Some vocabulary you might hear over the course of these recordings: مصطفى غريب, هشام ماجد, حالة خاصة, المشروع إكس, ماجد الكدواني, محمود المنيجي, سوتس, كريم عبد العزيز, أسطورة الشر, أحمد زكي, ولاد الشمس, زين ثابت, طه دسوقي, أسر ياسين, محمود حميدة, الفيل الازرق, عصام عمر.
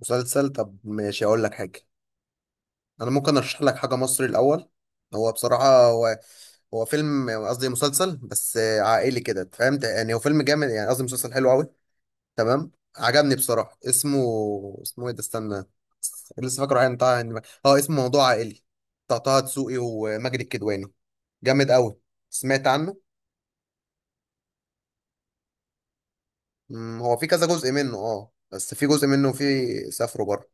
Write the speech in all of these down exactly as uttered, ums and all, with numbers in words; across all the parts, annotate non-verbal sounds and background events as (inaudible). مسلسل. طب، ماشي، اقول لك حاجه. انا ممكن ارشح لك حاجه مصري الاول. هو بصراحه هو هو فيلم قصدي مسلسل بس عائلي كده، فهمت يعني؟ هو فيلم جامد يعني قصدي مسلسل حلو قوي. تمام، عجبني بصراحه. اسمه اسمه ايه ده؟ استنى. لسه فاكره. عين طه، عين- اه، اسمه موضوع عائلي. بتاع طه دسوقي وماجد الكدواني. جامد قوي. سمعت عنه. أمم، هو في كذا جزء منه، اه بس في جزء منه فيه سافروا بره.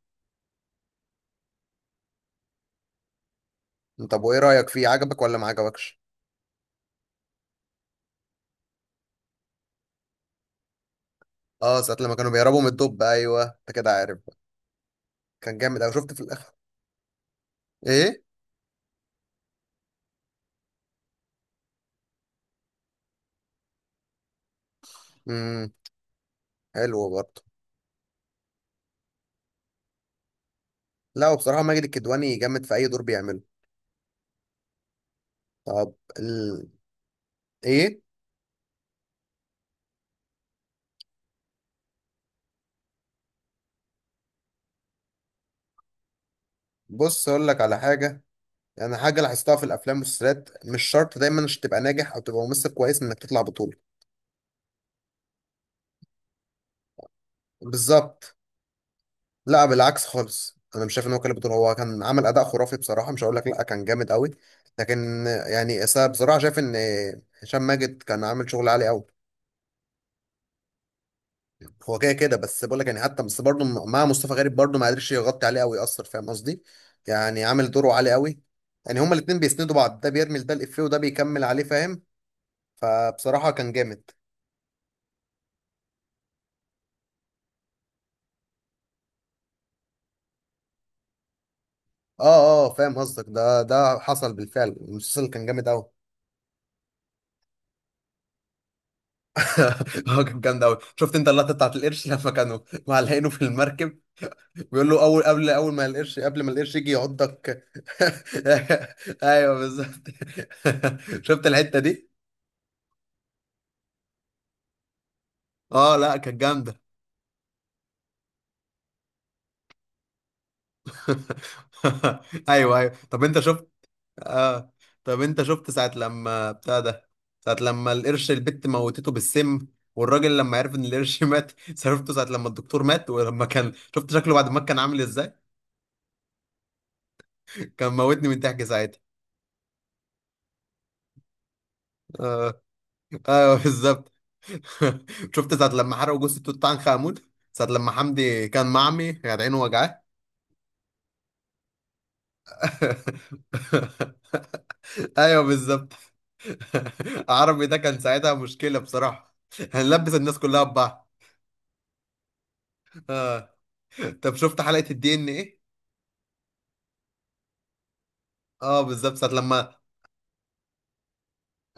طب وايه رايك فيه؟ عجبك ولا ما عجبكش؟ اه، ساعة لما كانوا بيهربوا من الدب. ايوه، انت كده عارف بقى. كان جامد اوي، شفت في الاخر. ايه؟ امم. حلو برضه. لا، وبصراحة ماجد الكدواني جامد في اي دور بيعمله. طب ال... ايه؟ بص، اقول لك على حاجة. يعني حاجة لاحظتها في الافلام والمسلسلات، مش شرط دايما عشان تبقى ناجح او تبقى ممثل كويس انك تطلع بطولة. بالظبط. لا، بالعكس خالص. انا مش شايف ان هو كان بطولة، هو كان عمل اداء خرافي بصراحة. مش هقول لك لا، كان جامد قوي. لكن يعني، بصراحة شايف ان هشام ماجد كان عامل شغل عالي قوي. هو كده كده، بس بقول لك يعني، حتى بس برضه مع مصطفى غريب برضه ما قدرش يغطي عليه قوي، يأثر، فاهم قصدي؟ يعني عامل دوره عالي قوي. يعني هما الاتنين بيسندوا بعض، ده بيرمي ده الإفيه وده بيكمل عليه، فاهم؟ فبصراحة كان جامد. اه، اه، فاهم قصدك. ده ده حصل بالفعل، المسلسل كان جامد قوي. (laughs) هو كان جامد قوي. شفت انت اللقطة بتاعت القرش لما كانوا معلقينه في المركب؟ بيقول له اول، قبل اول ما القرش، قبل ما القرش يجي يعضك. (laughs) ايوه، بالظبط. (laughs) شفت الحتة دي؟ اه. لا، كانت جامدة. (laughs) ايوه، ايوه. طب انت شفت؟ اه. طب انت شفت ساعة لما بتاع ده، ساعة لما القرش، البت موتته بالسم، والراجل لما عرف ان القرش (laughs) مات؟ شفته ساعة لما الدكتور مات، ولما كان، شفت شكله بعد ما كان عامل ازاي؟ كان موتني من ضحك ساعتها. اه، ايوه، بالظبط. (laughs) شفت ساعة لما حرقوا جثة توت عنخ آمون، ساعة لما حمدي كان معمي كانت عينه وجعاه؟ (laughs) ايوه، بالظبط. (laughs) عربي ده كان ساعتها مشكلة بصراحة. هنلبس الناس كلها ببعض. اه. طب شفت حلقة الدي ان ايه؟ اه، بالظبط، ساعة لما،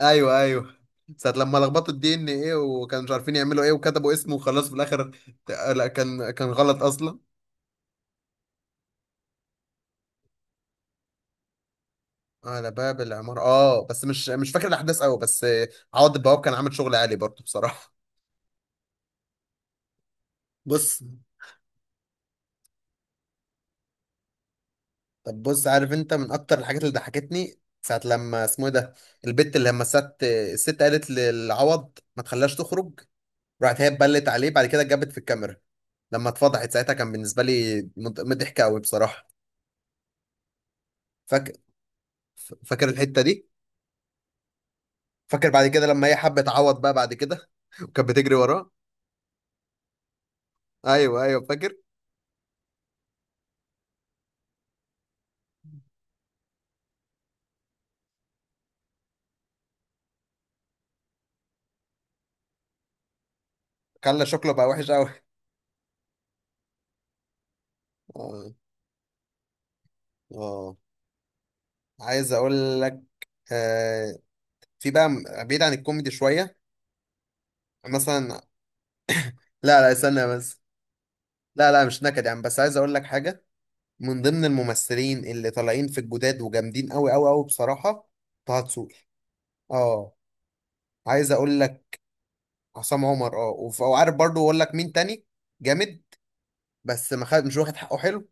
ايوه، ايوه، ساعة لما لخبطوا الدي ان ايه وكانوا مش عارفين يعملوا ايه، وكتبوا اسمه وخلاص في الاخر. ت- لا، كان كان غلط اصلا. آه، على باب العمارة، اه بس مش مش فاكر الاحداث قوي، بس آه، عوض البواب كان عامل شغل عالي برضه بصراحة. بص. طب بص، عارف انت من اكتر الحاجات اللي ضحكتني ساعة لما، اسمه ايه ده؟ البت اللي لما الست الست قالت للعوض ما تخليهاش تخرج، راحت هي اتبلت عليه بعد كده، اتجابت في الكاميرا، لما اتفضحت ساعتها كان بالنسبه لي مض- مضحك قوي بصراحه. فاكر؟ فاكر الحته دي. فاكر بعد كده لما هي حبت تعوض بقى بعد كده؟ (laughs) وكانت بتجري وراه. ايوه، ايوه، فاكر. خلى شكله بقى وحش قوي. (laughs) اه. اه، عايز اقول لك. آه في بقى م- بعيد عن الكوميدي شويه، مثلا. لا، لا، استنى بس. لا، لا، مش نكد يعني، بس عايز اقول لك حاجه. من ضمن الممثلين اللي طالعين في الجداد وجامدين قوي قوي قوي بصراحه: طه دسوقي. اه. عايز اقول لك: عصام عمر، اه، وف- وعارف برضو اقول لك مين تاني؟ جامد. بس ما خد، مش واخد حقه حلو.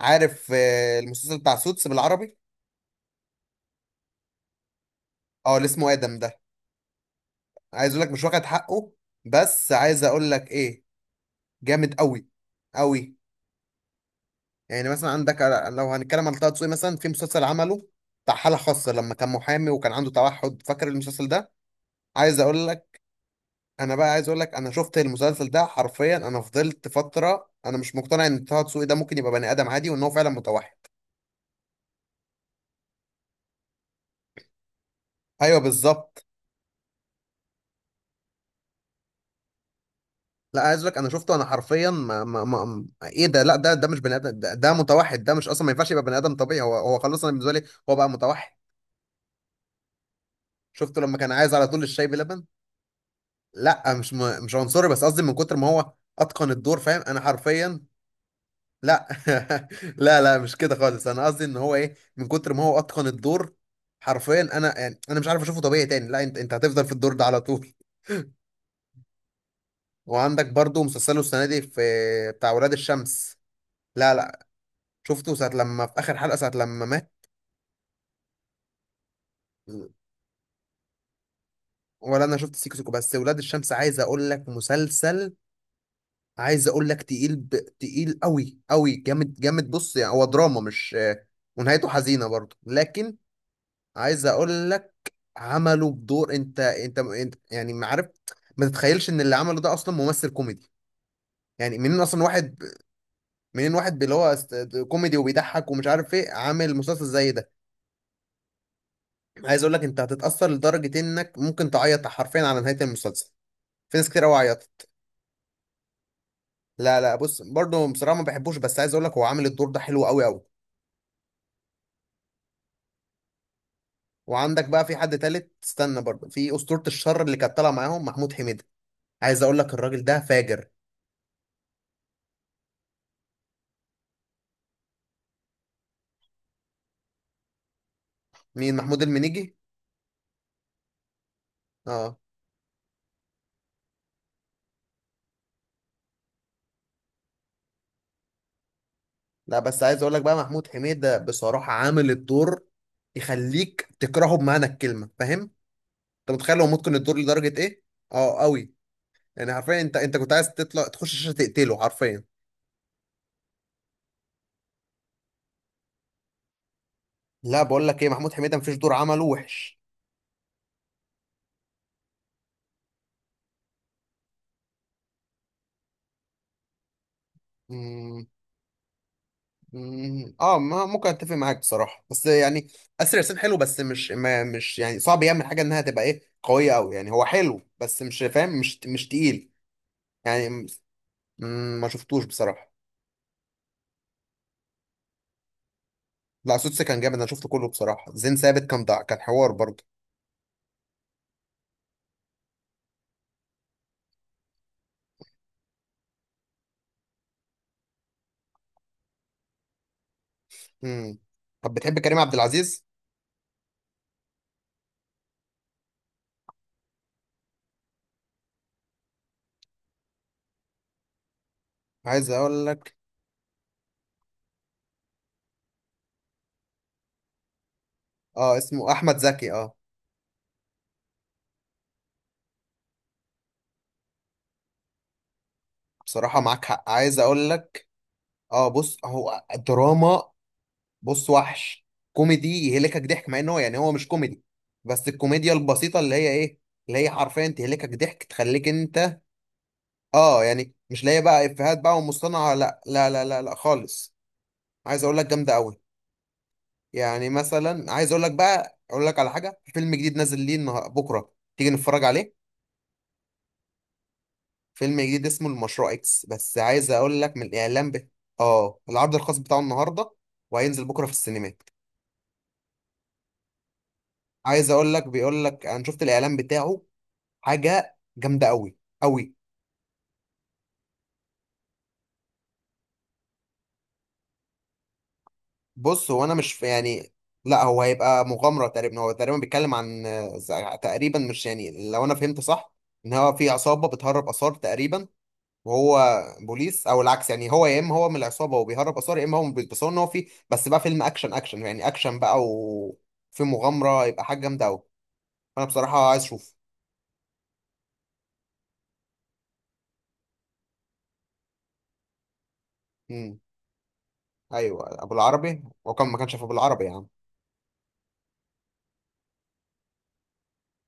عارف آه، المسلسل بتاع سوتس بالعربي؟ اه، اللي اسمه ادم ده. عايز اقول لك مش واخد حقه. بس عايز اقول لك ايه، جامد قوي قوي. يعني مثلا عندك على- لو هنتكلم على طه دسوقي مثلا في مسلسل عمله بتاع حالة خاصة لما كان محامي وكان عنده توحد، فاكر المسلسل ده؟ عايز اقول لك، انا بقى عايز اقول لك، انا شفت المسلسل ده حرفيا، انا فضلت فتره انا مش مقتنع ان طه دسوقي ده ممكن يبقى بني ادم عادي وان هو فعلا متوحد. ايوه، بالظبط. لا، عايز اقول لك، انا شفته انا حرفيا، ما ما ما ايه ده لا، ده ده مش بني ادم، ده ده متوحد، ده مش اصلا ما ينفعش يبقى بني ادم طبيعي، هو هو خلاص، انا بالنسبه لي هو بقى متوحد. شفته لما كان عايز على طول الشاي بلبن. لا، مش م... مش عنصري، بس قصدي من كتر ما هو اتقن الدور، فاهم؟ انا حرفيا. لا. (laughs) لا، لا، مش كده خالص. انا قصدي ان هو، ايه، من كتر ما هو اتقن الدور، حرفيا انا يعني، انا مش عارف اشوفه طبيعي تاني، لا انت انت هتفضل في الدور ده على طول. (laughs) وعندك برضو مسلسله السنه دي، في بتاع ولاد الشمس. لا، لا. شفته ساعه لما في اخر حلقه، ساعه لما مات. ولا انا شفت سيكو سيكو بس، ولاد الشمس عايز اقول لك مسلسل، عايز اقول لك تقيل، ب... تقيل قوي قوي جامد جامد. بص يعني هو دراما، مش، ونهايته حزينه برضو، لكن عايز اقول لك، عمله بدور. انت انت, انت يعني ما عارف، ما تتخيلش ان اللي عمله ده اصلا ممثل كوميدي. يعني منين اصلا واحد، منين واحد اللي هو است- كوميدي وبيضحك ومش عارف ايه عامل مسلسل زي ده. عايز اقول لك، انت هتتاثر لدرجه انك ممكن تعيط حرفيا على نهايه المسلسل. في ناس كتير قوي عيطت. لا، لا، بص برضه بصراحه ما بحبوش، بس عايز اقول لك هو عامل الدور ده حلو قوي قوي. وعندك بقى في حد تالت، استنى برضه، في اسطوره الشر اللي كانت طالعه معاهم محمود حميده. عايز اقول لك الراجل ده فاجر. مين، محمود المنيجي؟ اه. لا بس عايز اقول لك بقى، محمود حميدة بصراحة عامل الدور يخليك تكرهه بمعنى الكلمة، فاهم؟ انت متخيل هو ممكن الدور لدرجة ايه؟ اه، قوي. يعني حرفيا انت انت كنت عايز تطلع تخش الشاشة تقتله حرفيا. لا، بقول لك ايه، محمود حميدة مفيش دور عمله وحش. مم. مم. اه، ما ممكن اتفق معاك بصراحة بس يعني، اسر ياسين حلو، بس مش ما مش يعني، صعب يعمل حاجة انها تبقى، ايه، قوية قوي. يعني هو حلو بس مش فاهم، مش مش تقيل يعني. مم، ما شفتوش بصراحة. لا، سوتس كان جامد، انا شفته كله بصراحه. زين ثابت كان دع... كان حوار برضه. امم. طب بتحب كريم عبد العزيز؟ عايز اقول لك. اه، اسمه احمد زكي، اه. بصراحه معاك حق، عايز اقول لك. اه، بص، هو دراما، بص وحش، كوميدي يهلكك ضحك مع ان هو يعني، هو مش كوميدي، بس الكوميديا البسيطه اللي هي، ايه، اللي هي حرفيا تهلكك ضحك، تخليك انت. اه، يعني مش لاقي بقى افيهات بقى ومصطنعه، لا لا لا لا لا خالص. عايز اقول لك جامده قوي. يعني مثلا، عايز اقول لك بقى اقول لك على حاجه، في فيلم جديد نازل ليه النها- بكره، تيجي نتفرج عليه؟ فيلم جديد اسمه المشروع اكس، بس عايز اقول لك من الاعلان ب... اه، العرض الخاص بتاعه النهارده، وهينزل بكره في السينمات. عايز اقول لك، بيقول لك انا شفت الاعلان بتاعه، حاجه جامده قوي قوي. بص، هو انا مش يعني، لا هو هيبقى مغامره تقريبا، هو تقريبا بيتكلم عن آه، تقريبا، مش يعني، لو انا فهمت صح ان هو في عصابه بتهرب اثار تقريبا، وهو بوليس او العكس. يعني هو يا اما هو من العصابه وبيهرب اثار، يا اما هو من البوليس. بس هو ان هو في، بس بقى فيلم اكشن اكشن يعني اكشن بقى وفي مغامره، يبقى حاجه جامده قوي. انا بصراحه عايز اشوف. امم. ايوه، ابو العربي. هو كان ما كانش في ابو العربي يا عم؟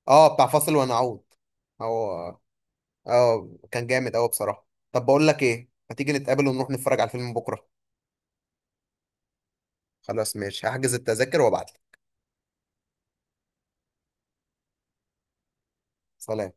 اه، بتاع فاصل ونعود. هو. اه، كان جامد قوي بصراحه. طب بقول لك ايه، ما تيجي نتقابل ونروح نتفرج على الفيلم بكره؟ خلاص ماشي، هحجز التذاكر وابعت لك. سلام.